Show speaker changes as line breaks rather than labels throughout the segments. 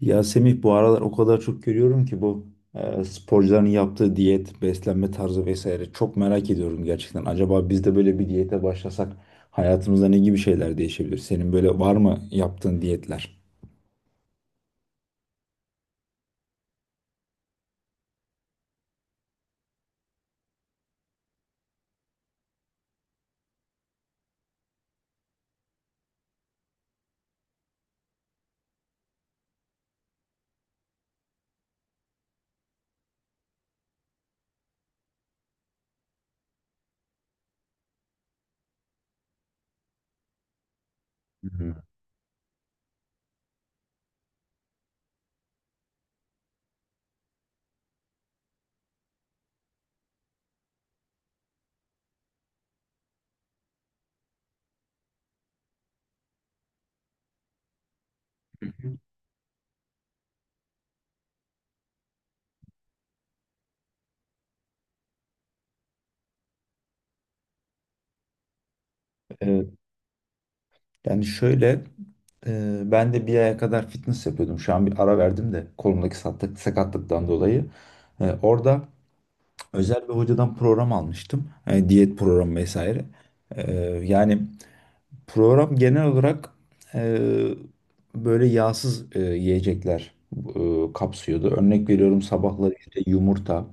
Ya Semih bu aralar o kadar çok görüyorum ki bu sporcuların yaptığı diyet, beslenme tarzı vesaire çok merak ediyorum gerçekten. Acaba biz de böyle bir diyete başlasak hayatımızda ne gibi şeyler değişebilir? Senin böyle var mı yaptığın diyetler? Hı hı. E, Yani şöyle, ben de bir aya kadar fitness yapıyordum. Şu an bir ara verdim de kolumdaki sakatlıktan dolayı. Orada özel bir hocadan program almıştım. Diyet programı vesaire. E, Yani program genel olarak e, böyle yağsız yiyecekler kapsıyordu. Örnek veriyorum, sabahları işte yumurta,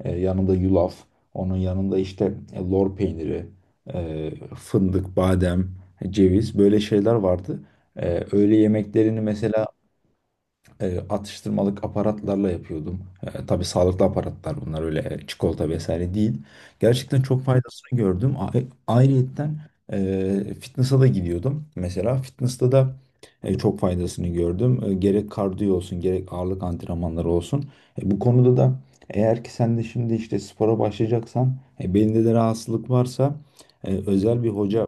yanında yulaf, onun yanında işte lor peyniri, fındık, badem, ceviz, böyle şeyler vardı. Öğle yemeklerini mesela atıştırmalık aparatlarla yapıyordum. Tabii sağlıklı aparatlar bunlar, öyle çikolata vesaire değil. Gerçekten çok faydasını gördüm. Ayrıyetten e, fitness'a da gidiyordum. Mesela fitness'ta da çok faydasını gördüm. Gerek kardiyo olsun, gerek ağırlık antrenmanları olsun. Bu konuda da, eğer ki sen de şimdi işte spora başlayacaksan, belinde de rahatsızlık varsa, özel bir hoca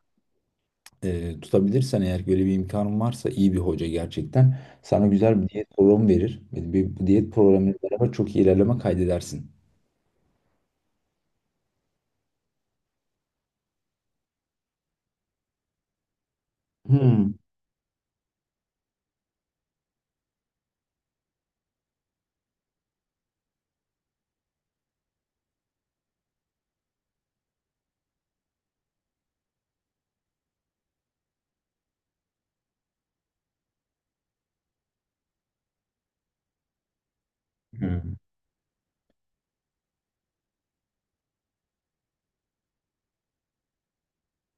tutabilirsen, eğer böyle bir imkanın varsa, iyi bir hoca gerçekten sana güzel bir diyet programı verir. Bu diyet programıyla beraber çok iyi ilerleme kaydedersin. Hmm. Hmm.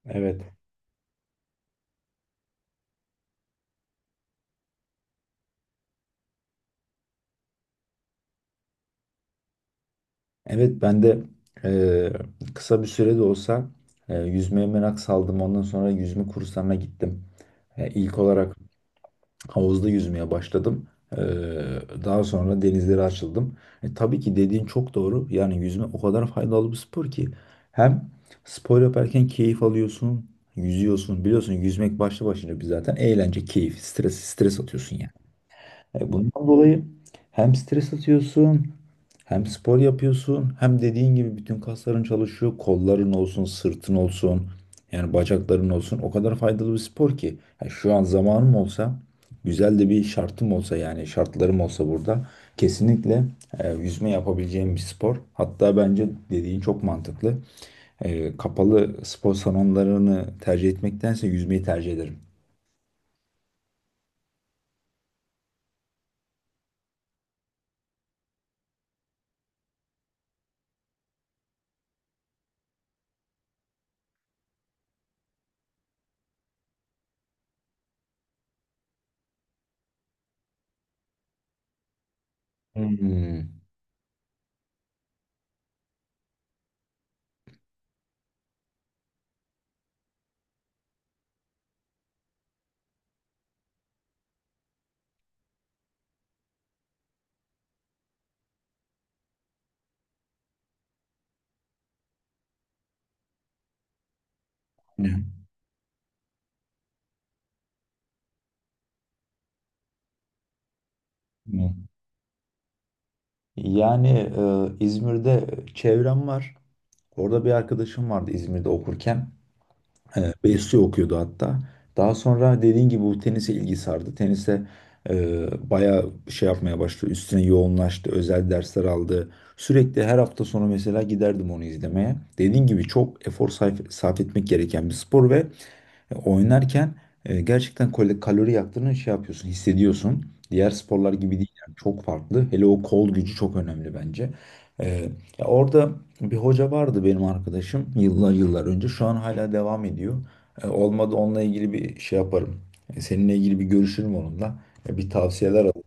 Evet. Evet, ben de kısa bir sürede olsa yüzmeye merak saldım. Ondan sonra yüzme kurslarına gittim. İlk olarak havuzda yüzmeye başladım. Ee, Daha sonra denizlere açıldım. Tabii ki dediğin çok doğru. Yani yüzme o kadar faydalı bir spor ki. Hem spor yaparken keyif alıyorsun, yüzüyorsun. Biliyorsun, yüzmek başlı başına bir zaten eğlence, keyif, stres atıyorsun yani. Bundan dolayı hem stres atıyorsun, hem spor yapıyorsun, hem dediğin gibi bütün kasların çalışıyor, kolların olsun, sırtın olsun, yani bacakların olsun. O kadar faydalı bir spor ki. Ha, şu an zamanım olsa, güzel de bir şartım olsa, yani şartlarım olsa burada, kesinlikle yüzme yapabileceğim bir spor. Hatta bence dediğin çok mantıklı. Kapalı spor salonlarını tercih etmektense yüzmeyi tercih ederim. Hmm. Hmm. Yani, İzmir'de çevrem var. Orada bir arkadaşım vardı İzmir'de okurken. Besyo okuyordu hatta. Daha sonra dediğin gibi bu tenise ilgi sardı. Tenise bayağı şey yapmaya başladı. Üstüne yoğunlaştı. Özel dersler aldı. Sürekli her hafta sonu mesela giderdim onu izlemeye. Dediğin gibi çok efor sarf etmek gereken bir spor ve oynarken gerçekten kalori yaktığını şey yapıyorsun, hissediyorsun. Diğer sporlar gibi değil yani, çok farklı. Hele o kol gücü çok önemli bence. E, Ya, orada bir hoca vardı, benim arkadaşım, yıllar yıllar önce. Şu an hala devam ediyor. Olmadı onunla ilgili bir şey yaparım. Seninle ilgili bir görüşürüm onunla. Bir tavsiyeler alırım.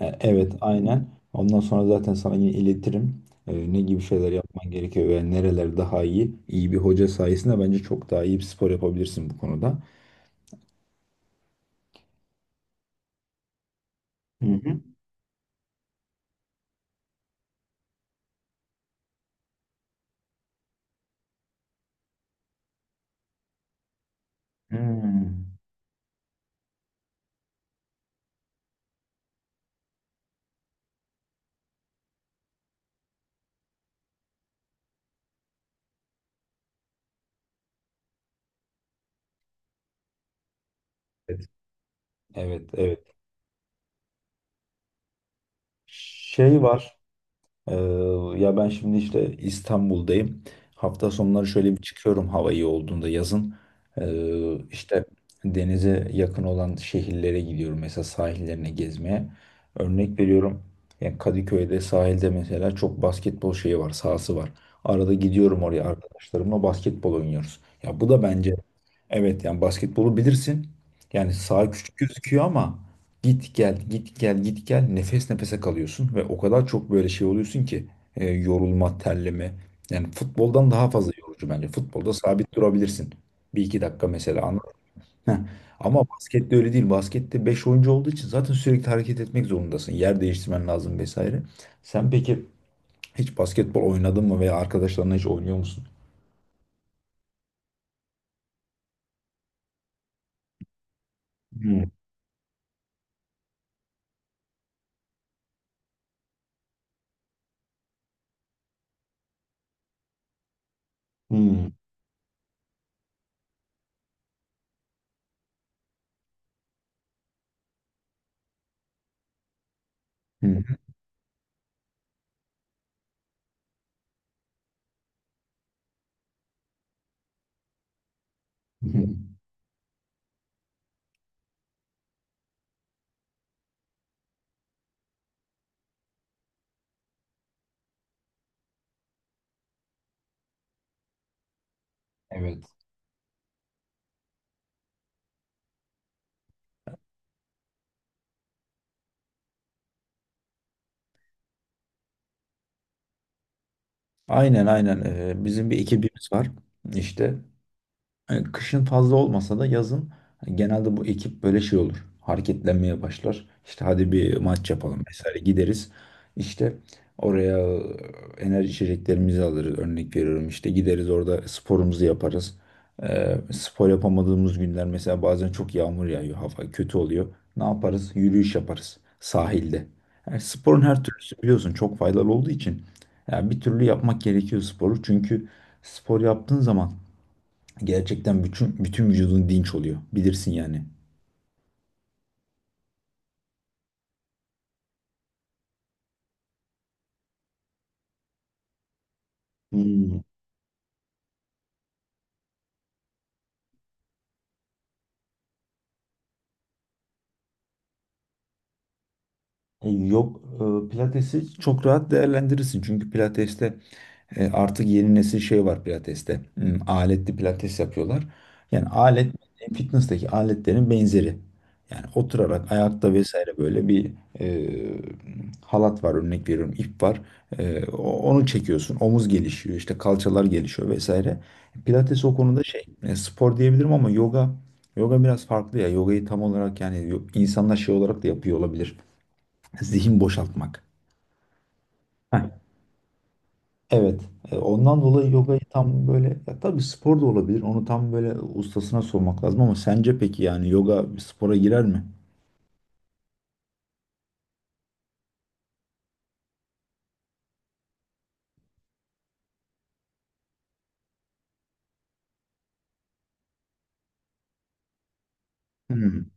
Evet, aynen. Ondan sonra zaten sana yine iletirim. Ne gibi şeyler yapman gerekiyor ve nereler daha iyi. İyi bir hoca sayesinde bence çok daha iyi bir spor yapabilirsin bu konuda. Hı hı. Hmm. Evet. Evet, evet. Şey var. e, Ya, ben şimdi işte İstanbul'dayım. Hafta sonları şöyle bir çıkıyorum hava iyi olduğunda, yazın. İşte denize yakın olan şehirlere gidiyorum. Mesela sahillerine, gezmeye. Örnek veriyorum. Yani Kadıköy'de sahilde mesela çok basketbol şeyi var, sahası var. Arada gidiyorum oraya, arkadaşlarımla basketbol oynuyoruz. Ya bu da bence, evet, yani basketbolu bilirsin. Yani saha küçük gözüküyor ama git gel, git gel, git gel. Nefes nefese kalıyorsun ve o kadar çok böyle şey oluyorsun ki yorulma, terleme. Yani futboldan daha fazla yorucu bence. Futbolda sabit durabilirsin. Bir iki dakika mesela, anladın mı? Heh. Ama baskette öyle değil. Baskette 5 oyuncu olduğu için zaten sürekli hareket etmek zorundasın. Yer değiştirmen lazım vesaire. Sen peki hiç basketbol oynadın mı, veya arkadaşlarınla hiç oynuyor musun? Hmm. Hmm. Hmm. Hmm. Evet. Aynen aynen. Bizim bir ekibimiz var. İşte kışın fazla olmasa da yazın hani genelde bu ekip böyle şey olur. Hareketlenmeye başlar. İşte hadi bir maç yapalım vesaire, gideriz. İşte oraya enerji içeceklerimizi alırız. Örnek veriyorum, işte gideriz, orada sporumuzu yaparız. Spor yapamadığımız günler, mesela bazen çok yağmur yağıyor. Hava kötü oluyor. Ne yaparız? Yürüyüş yaparız sahilde. Yani sporun her türlüsü, biliyorsun, çok faydalı olduğu için. Yani bir türlü yapmak gerekiyor sporu. Çünkü spor yaptığın zaman gerçekten bütün bütün vücudun dinç oluyor. Bilirsin yani. Hmm. Yok, pilatesi çok rahat değerlendirirsin. Çünkü pilateste... Artık yeni nesil şey var pilateste. Aletli pilates yapıyorlar. Yani alet, fitness'taki aletlerin benzeri. Yani oturarak, ayakta vesaire, böyle bir e, halat var, örnek veriyorum, ip var. Onu çekiyorsun. Omuz gelişiyor, işte kalçalar gelişiyor vesaire. Pilates o konuda şey, spor diyebilirim ama yoga biraz farklı ya. Yogayı tam olarak, yani, insanlar şey olarak da yapıyor olabilir. Zihin boşaltmak. Evet. Ondan dolayı yogayı tam böyle, ya tabii spor da olabilir. Onu tam böyle ustasına sormak lazım, ama sence peki, yani, yoga bir spora girer mi? Hmm.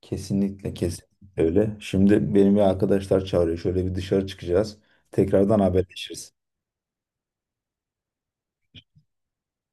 Kesinlikle kesinlikle öyle. Şimdi benim bir arkadaşlar çağırıyor. Şöyle bir dışarı çıkacağız. Tekrardan haberleşiriz.